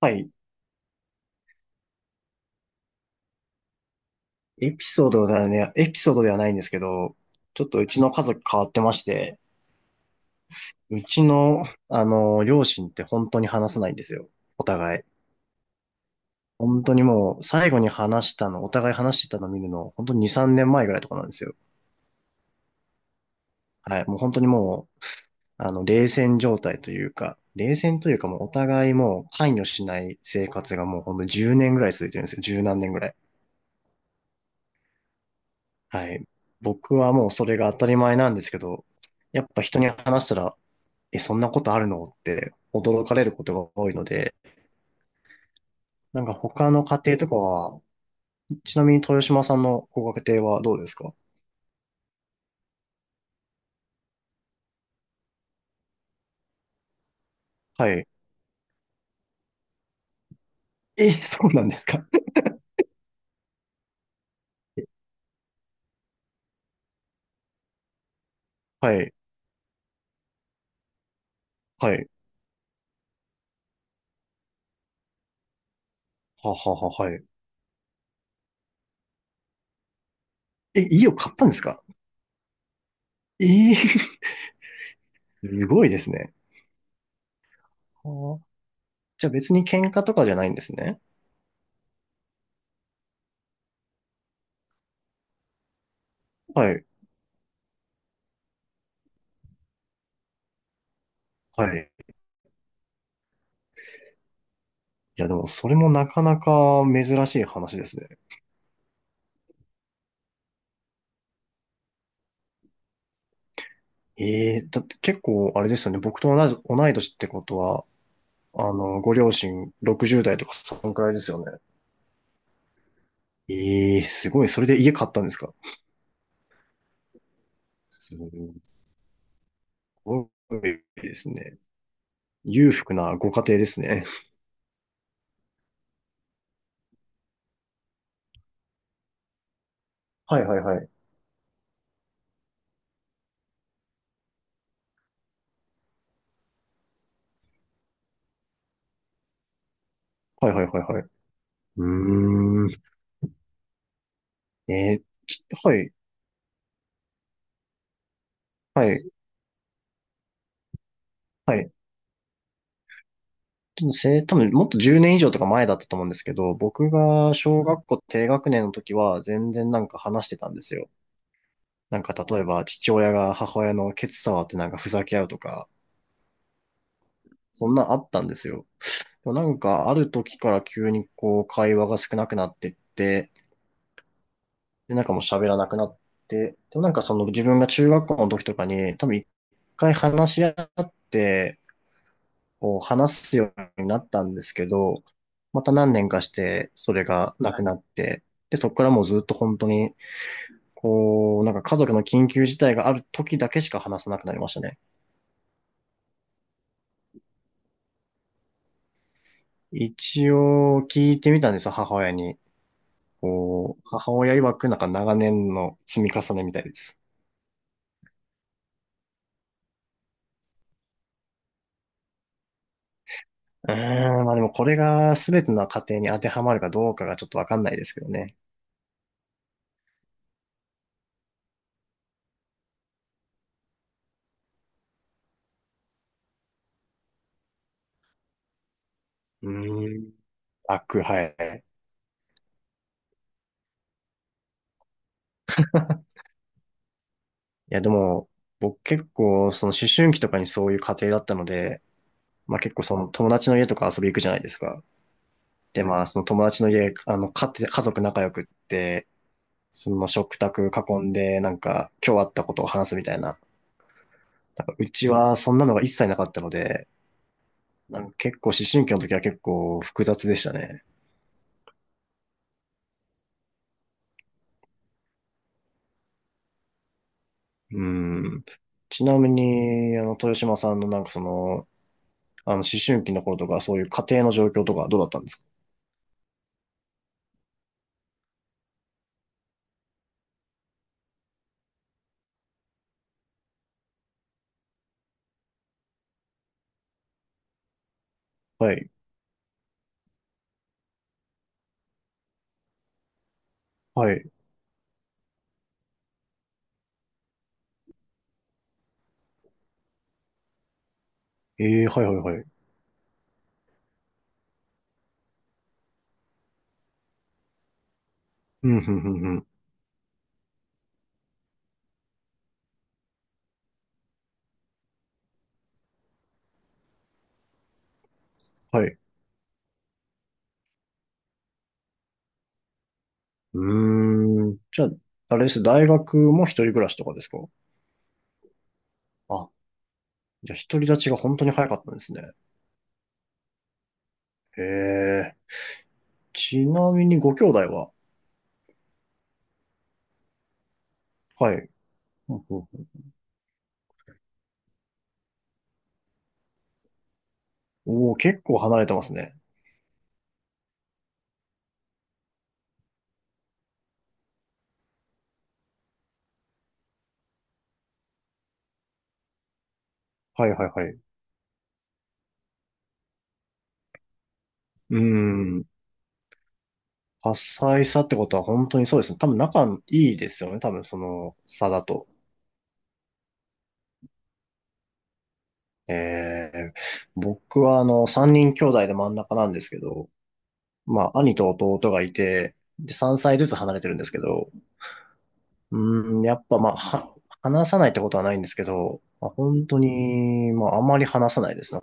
はい。エピソードではね、エピソードではないんですけど、ちょっとうちの家族変わってまして、うちの、両親って本当に話さないんですよ。お互い。本当にもう、最後に話したの、お互い話してたの見るの、本当に2、3年前ぐらいとかなんですよ。はい。もう本当にもう、冷戦状態というか、冷戦というかもうお互いもう関与しない生活がもうほんと10年ぐらい続いてるんですよ。十何年ぐらい。はい。僕はもうそれが当たり前なんですけど、やっぱ人に話したら、え、そんなことあるのって驚かれることが多いので、なんか他の家庭とかは、ちなみに豊島さんのご家庭はどうですか？はい。え、そうなんですか？ はい、はい、ははは、はい。え、家を買ったんですか？すごいですね。はあ。じゃあ別に喧嘩とかじゃないんですね。はい、はい。いやでもそれもなかなか珍しい話ですね。ええだって結構あれですよね。僕と同じ、同い年ってことは、ご両親60代とかそんくらいですよね。ええすごい。それで家買ったんですか？すごいですね。裕福なご家庭ですね。はいはいはい。はいはいはいはい。うーん。えーきはい、はい、はい。でも多分もっと10年以上とか前だったと思うんですけど、僕が小学校低学年の時は全然なんか話してたんですよ。なんか例えば父親が母親のケツ触ってなんかふざけ合うとか、そんなんあったんですよ。でもなんかある時から急にこう会話が少なくなってって、で、なんかもう喋らなくなって、でもなんかその自分が中学校の時とかに、多分一回話し合って、こう話すようになったんですけど、また何年かしてそれがなくなって、で、そこからもうずっと本当に、こう、なんか家族の緊急事態がある時だけしか話さなくなりましたね。一応聞いてみたんですよ、母親に。こう、母親曰くなんか長年の積み重ねみたいです。うーん、まあでもこれが全ての家庭に当てはまるかどうかがちょっとわかんないですけどね。うーん。楽、はい。いやでも、僕結構その思春期とかにそういう家庭だったので、まあ結構その友達の家とか遊び行くじゃないですか。でまあその友達の家、家庭、家族仲良くって、その食卓囲んでなんか今日あったことを話すみたいな。なんかうちはそんなのが一切なかったので、なんか結構思春期の時は結構複雑でしたね。うん。ちなみに、豊島さんのなんか思春期の頃とか、そういう家庭の状況とかどうだったんですか？はい。はい。ええはいはいはい。うん、うん、うん、うん。はい。うーん。じゃあ、あれです。大学も一人暮らしとかですか？あ、じゃあ独り立ちが本当に早かったんですね。へえ。ちなみにご兄弟は？はい。ほうほう。ほうおお、結構離れてますね。はいはいはい。うん。多彩さってことは本当にそうですね。多分仲いいですよね。多分その差だと。えー、僕は三人兄弟で真ん中なんですけど、まあ、兄と弟がいて、で、3歳ずつ離れてるんですけど、うん、やっぱまあ、話さないってことはないんですけど、まあ、本当に、まあ、あまり話さないですね。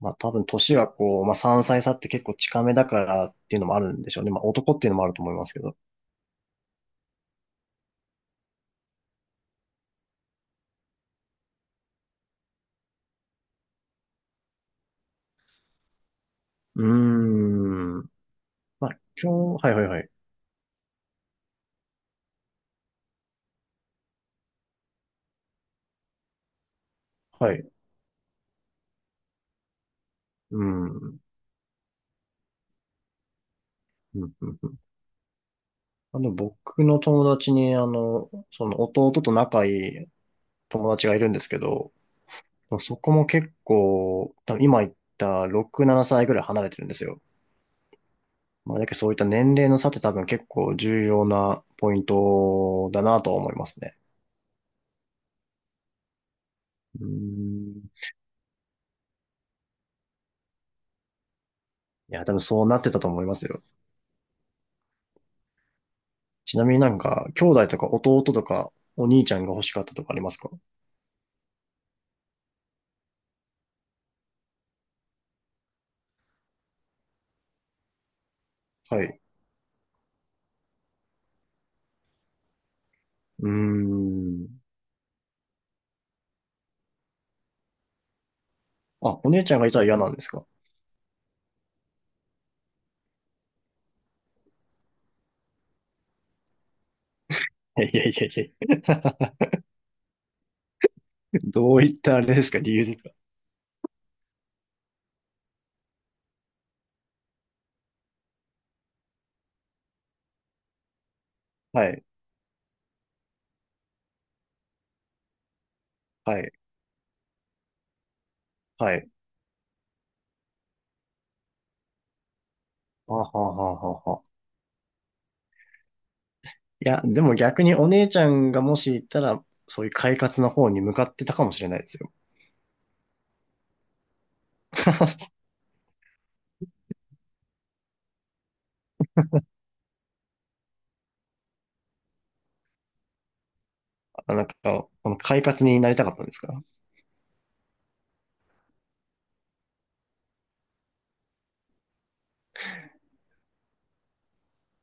まあ、多分年がこう、まあ、3歳差って結構近めだからっていうのもあるんでしょうね。まあ、男っていうのもあると思いますけど。うーまあ、今日、はいはいはい。はい。うん。うんうんうん。僕の友達に、その弟と仲いい友達がいるんですけど、そこも結構、多分今言った6、7歳ぐらい離れてるんですよ。まあ、だけどそういった年齢の差って多分結構重要なポイントだなとは思いますね。うん。いや、多分そうなってたと思いますよ。ちなみになんか、兄弟とか弟とかお兄ちゃんが欲しかったとかありますか？はい。うーん。あ、お姉ちゃんがいたら嫌なんですか？いやいやいやいや。どういったあれですか？理由ですか？はい、はい、はい。あはあはあはあはあ。いや、でも逆にお姉ちゃんがもし行ったら、そういう快活の方に向かってたかもしれないですよ。あなんか、この快活になりたかったんですか？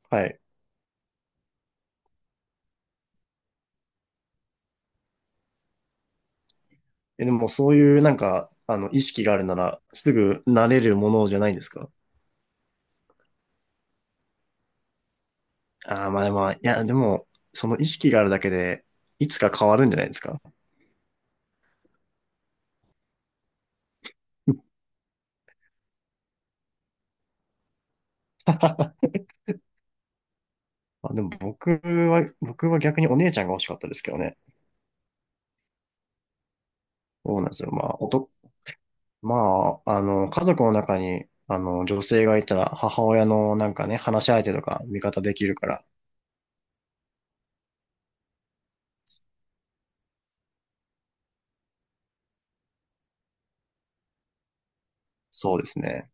はい。え、でもそういうなんか、意識があるなら、すぐ慣れるものじゃないですか？ああ、まあまあ、いや、でも、その意識があるだけで、いつか変わるんじゃないですか？ まあ、でも僕は逆にお姉ちゃんが欲しかったですけどね。そうなんですよ。まあ、まあ、家族の中に、女性がいたら、母親のなんかね、話し相手とか味方できるから、そうですね。